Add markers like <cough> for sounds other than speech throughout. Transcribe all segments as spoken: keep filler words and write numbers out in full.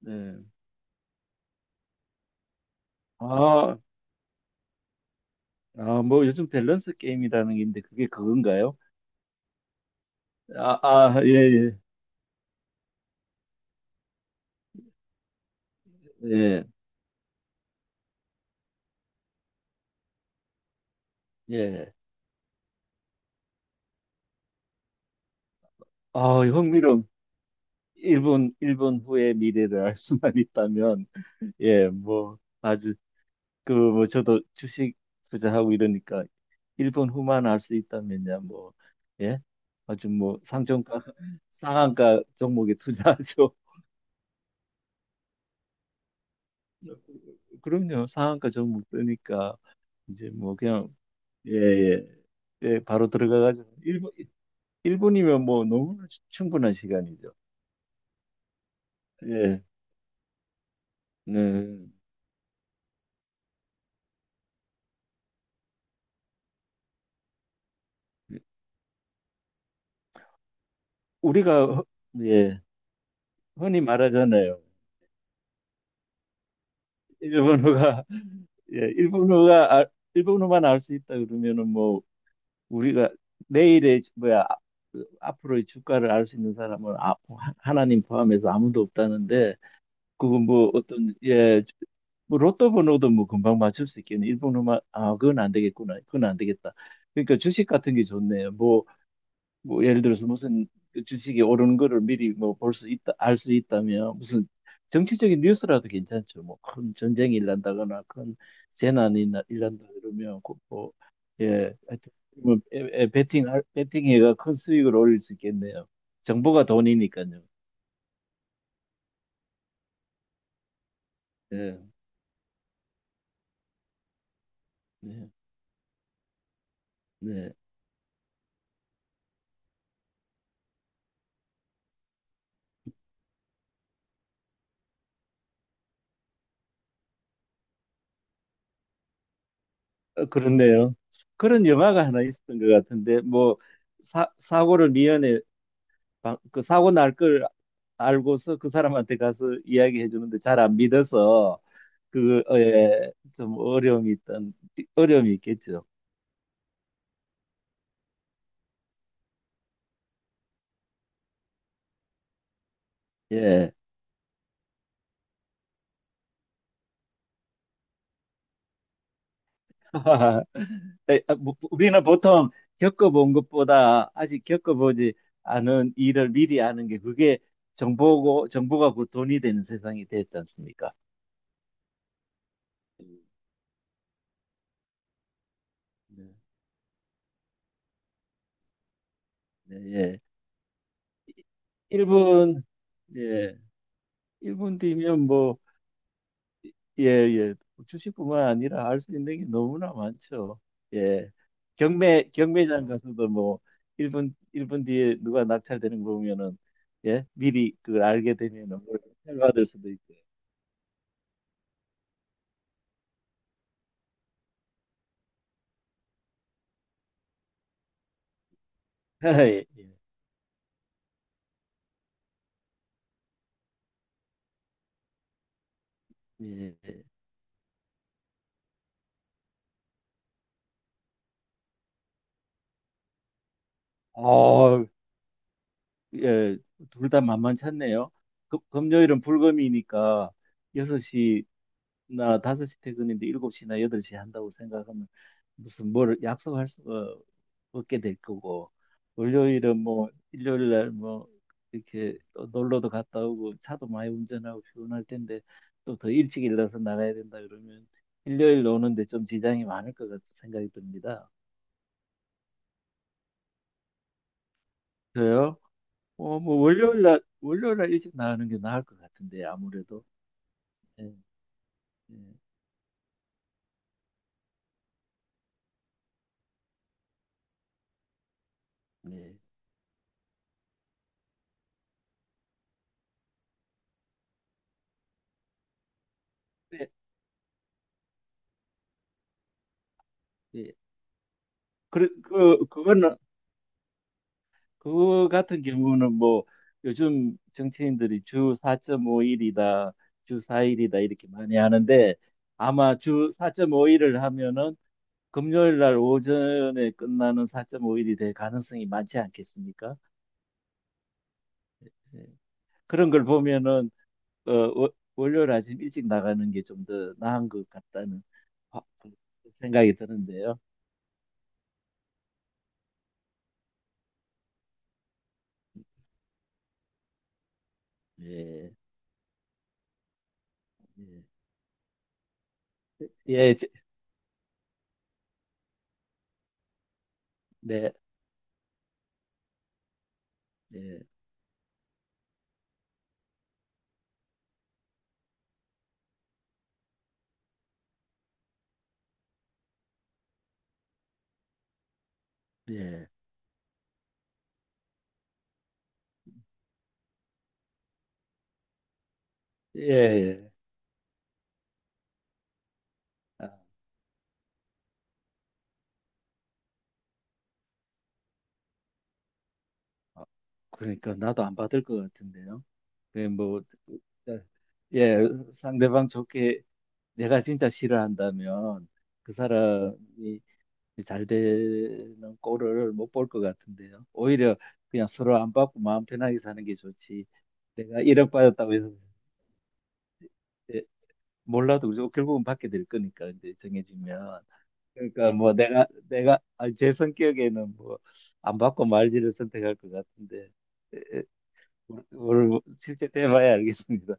네. 아, 아, 뭐 요즘 밸런스 게임이라는 게 있는데 그게 그건가요? 아, 아, 예, 예, 예, 예. 아, 흥미로운 일본 일본 후의 미래를 알 수만 있다면, 예, 뭐 아주 그 뭐 저도 주식 투자하고 이러니까 일본 후만 알 수 있다면야 뭐, 예, 아주 뭐 상종가, 상한가 종목에 투자하죠. <laughs> 그럼요, 상한가 종목 뜨니까 이제 뭐 그냥 예, 예. 예, 바로 들어가가지고 일 분, 일분이면 뭐 너무나 충분한 시간이죠. 예. 네. 우리가 허- 예, 흔히 말하잖아요. 일본어가 <laughs> 예, 일본어가 알- 일본어만 알 수 있다 그러면은 뭐 우리가 내일의 뭐야 아- 그 앞으로의 주가를 알 수 있는 사람은 아, 하나님 포함해서 아무도 없다는데 그건 뭐 어떤 예, 뭐 로또 번호도 뭐 금방 맞출 수 있겠네. 일본어만 아 그건 안 되겠구나. 그건 안 되겠다. 그러니까 주식 같은 게 좋네요. 뭐, 뭐 예를 들어서 무슨 그 주식이 오르는 거를 미리 뭐 볼 수 있다, 알 수 있다면 무슨 정치적인 뉴스라도 괜찮죠. 뭐 큰 전쟁이 일난다거나 큰 재난이 일나- 일난다 그러면 그 뭐, 예, 하여튼 뭐 에, 에, 베팅 베팅해가 큰 수익을 올릴 수 있겠네요. 정보가 돈이니까요. 네, 네, 네. 어, 그렇네요. 그런 영화가 하나 있었던 것 같은데, 뭐, 사, 사고를 미연에, 방- 그 사고 날 걸 알고서 그 사람한테 가서 이야기해 주는데 잘 안 믿어서, 그, 어, 예, 좀 어려움이 있던, 어려움이 있겠죠. 예. <laughs> 에, 아, 뭐, 뭐, 우리는 보통 겪어본 것보다 아직 겪어보지 않은 일을 미리 아는 게 그게 정보고, 정보가 곧 돈이 되는 세상이 됐지 않습니까? 네, 네, 예. 일 분, 예, 일 분 뒤면 뭐, 예, 예, 주식뿐만 아니라 알 수 있는 게 너무나 많죠. 예, 경매, 경매장 가서도 뭐, 일 분, 일분 뒤에 누가 낙찰되는 거 보면은, 예, 미리 그걸 알게 되면은 뭘 낙찰받을 수도 있고. <laughs> 예, 예, 예. 어, 예, 둘 다 만만치 않네요. 금, 금요일은 불금이니까 여섯 시나 다섯 시 퇴근인데 일곱 시나 여덟 시 한다고 생각하면 무슨 뭘 약속할 수가 없게 될 거고 월요일은 뭐 일요일 날 뭐 이렇게 또 놀러도 갔다 오고 차도 많이 운전하고 피곤할 텐데 또 더 일찍 일어나서 나가야 된다 그러면 일요일 오는데 좀 지장이 많을 것 같은 생각이 듭니다. 그래요? 어, 뭐 월요일 날 월요일 날 일찍 나가는 게 나을 것 같은데 아무래도 예, 예, 예. 네, 예. 그래, 그 그거는 그거 같은 경우는 뭐 요즘 정치인들이 주 사 점 오 일이다, 주 사 일이다 이렇게 많이 하는데 아마 주 사 점 오 일을 하면은 금요일 날 오전에 끝나는 사 점 오 일이 될 가능성이 많지 않겠습니까? 예. 그런 걸 보면은 어, 월- 월요일 아침 일찍 나가는 게 좀 더 나은 것 같다는 화- 그 생각이 드는데요. 예, 예, 예, 제- 네, 예, 예, 예. 예. 아, 아, 그러니까 나도 안 받을 것 같은데요. 그게 뭐, 어, 예, 상대방 좋게 내가 진짜 싫어한다면 그 사람이 잘 되는 꼴을 못 볼 것 같은데요. 오히려 그냥 서로 안 받고 마음 편하게 사는 게 좋지. 내가 일억 받았다고 해서 예, 몰라도 그죠? 결국은 받게 될 거니까 이제 정해지면. 그러니까 뭐 내가 내가 아, 제 성격에는 뭐 안 받고 말지를 선택할 것 같은데 오늘 뭐 실제 때 봐야 알겠습니다.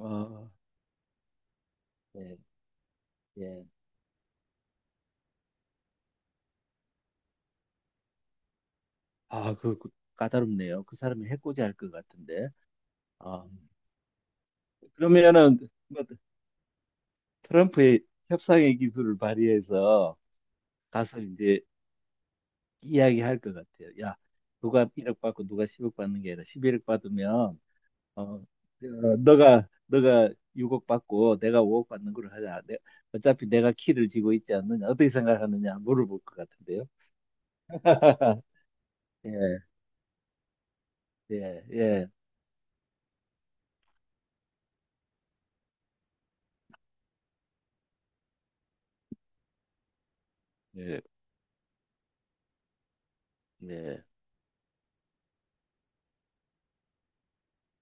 아, 네, 예. 아, 그, 그 까다롭네요. 그 사람이 해코지 할 것 같은데. 아, 그러면은 뭐 트럼프의 협상의 기술을 발휘해서 가서 이제 이야기할 것 같아요. 야, 누가 일억 받고 누가 십억 받는 게 아니라 십일억 받으면 어, 어, 너가 너가 육억 받고 내가 오억 받는 걸로 하자. 내, 어차피 내가 키를 쥐고 있지 않느냐. 어떻게 생각하느냐 물어볼 것 같은데요. <laughs> 예. 예, 예, 예, 예,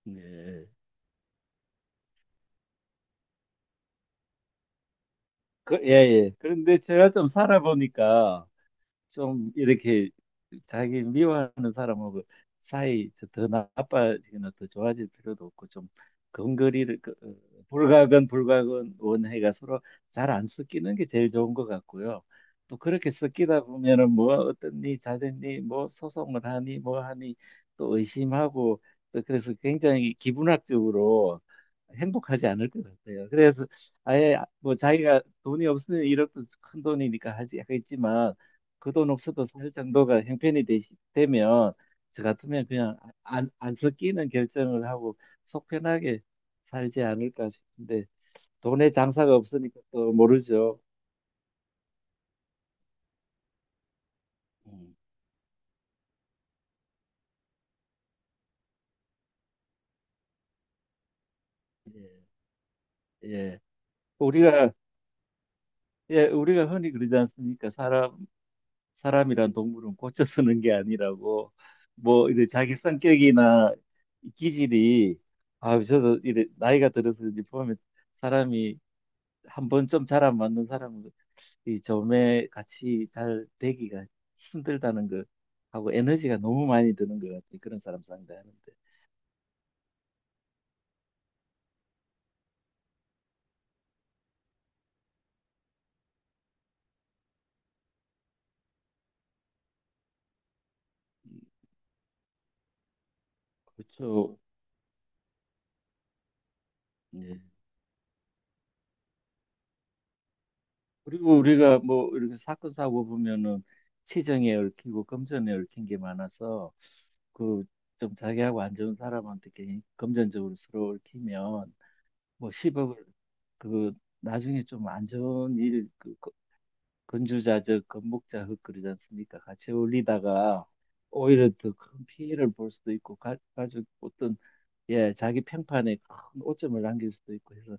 예. 그, 예, 예. 그런데 제가 좀 살아보니까 좀 이렇게 자기 미워하는 사람하고 사이 저더 나빠지거나 더 좋아질 필요도 없고 좀 근거리를 그, 어, 불가근 불가근 원해가 서로 잘 안 섞이는 게 제일 좋은 것 같고요. 또 그렇게 섞이다 보면은 뭐 어땠니 잘 됐니 뭐 소송을 하니 뭐 하니 또 의심하고 또 그래서 굉장히 기분학적으로 행복하지 않을 것 같아요. 그래서 아예 뭐 자기가 돈이 없으면 일억도 큰 돈이니까 하지 하겠지만 그 돈 없어도 살 정도가 형편이 되시, 되면 저 같으면 그냥 안, 안 섞이는 결정을 하고 속 편하게 살지 않을까 싶은데 돈에 장사가 없으니까 또 모르죠. 음. 예, 예. 우리가 예, 우리가 흔히 그러지 않습니까? 사람 사람이란 동물은 고쳐 쓰는 게 아니라고 뭐 이제 자기 성격이나 기질이 아 저도 이래 나이가 들어서 이제 보면 사람이 한번 좀 잘 안 맞는 사람은 이 점에 같이 잘 되기가 힘들다는 거 하고 에너지가 너무 많이 드는 것 같아요. 그런 사람 상대하는데. 음, 그렇죠. 예. 그리고 우리가 뭐 이렇게 사건 사고 보면은 치정에 얽히고 금전에 얽힌 게 많아서 그 좀 자기하고 안 좋은 사람한테 괜히 금전적으로 서로 얽히면 뭐 십억을 그 나중에 좀 안 좋은 일, 그 건주자적, 건목자흙 그러지 않습니까? 같이 어울리다가 오히려 더 큰 피해를 볼 수도 있고 가, 가족 어떤 예 자기 평판에 큰 오점을 남길 수도 있고 해서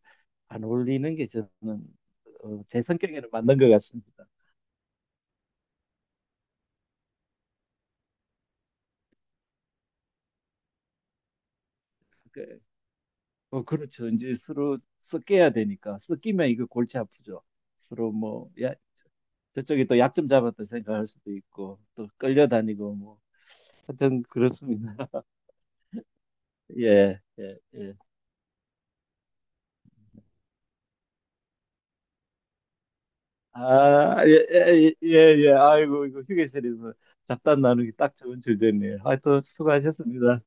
안 어울리는 게 저는 어, 제 성격에는 맞는 것 같습니다. 그, 어, 그렇죠. 이제 서로 섞여야 되니까 섞이면 이거 골치 아프죠. 서로 뭐 야, 저쪽이 또 약점 잡았다 생각할 수도 있고 또 끌려다니고 뭐 하여튼 그렇습니다. <laughs> 예, 예, 예. 아, 예, 예, 예, 예. 아이고, 이거 휴게실에서 잡담 나누기 딱 좋은 주제네요. 하여튼 수고하셨습니다.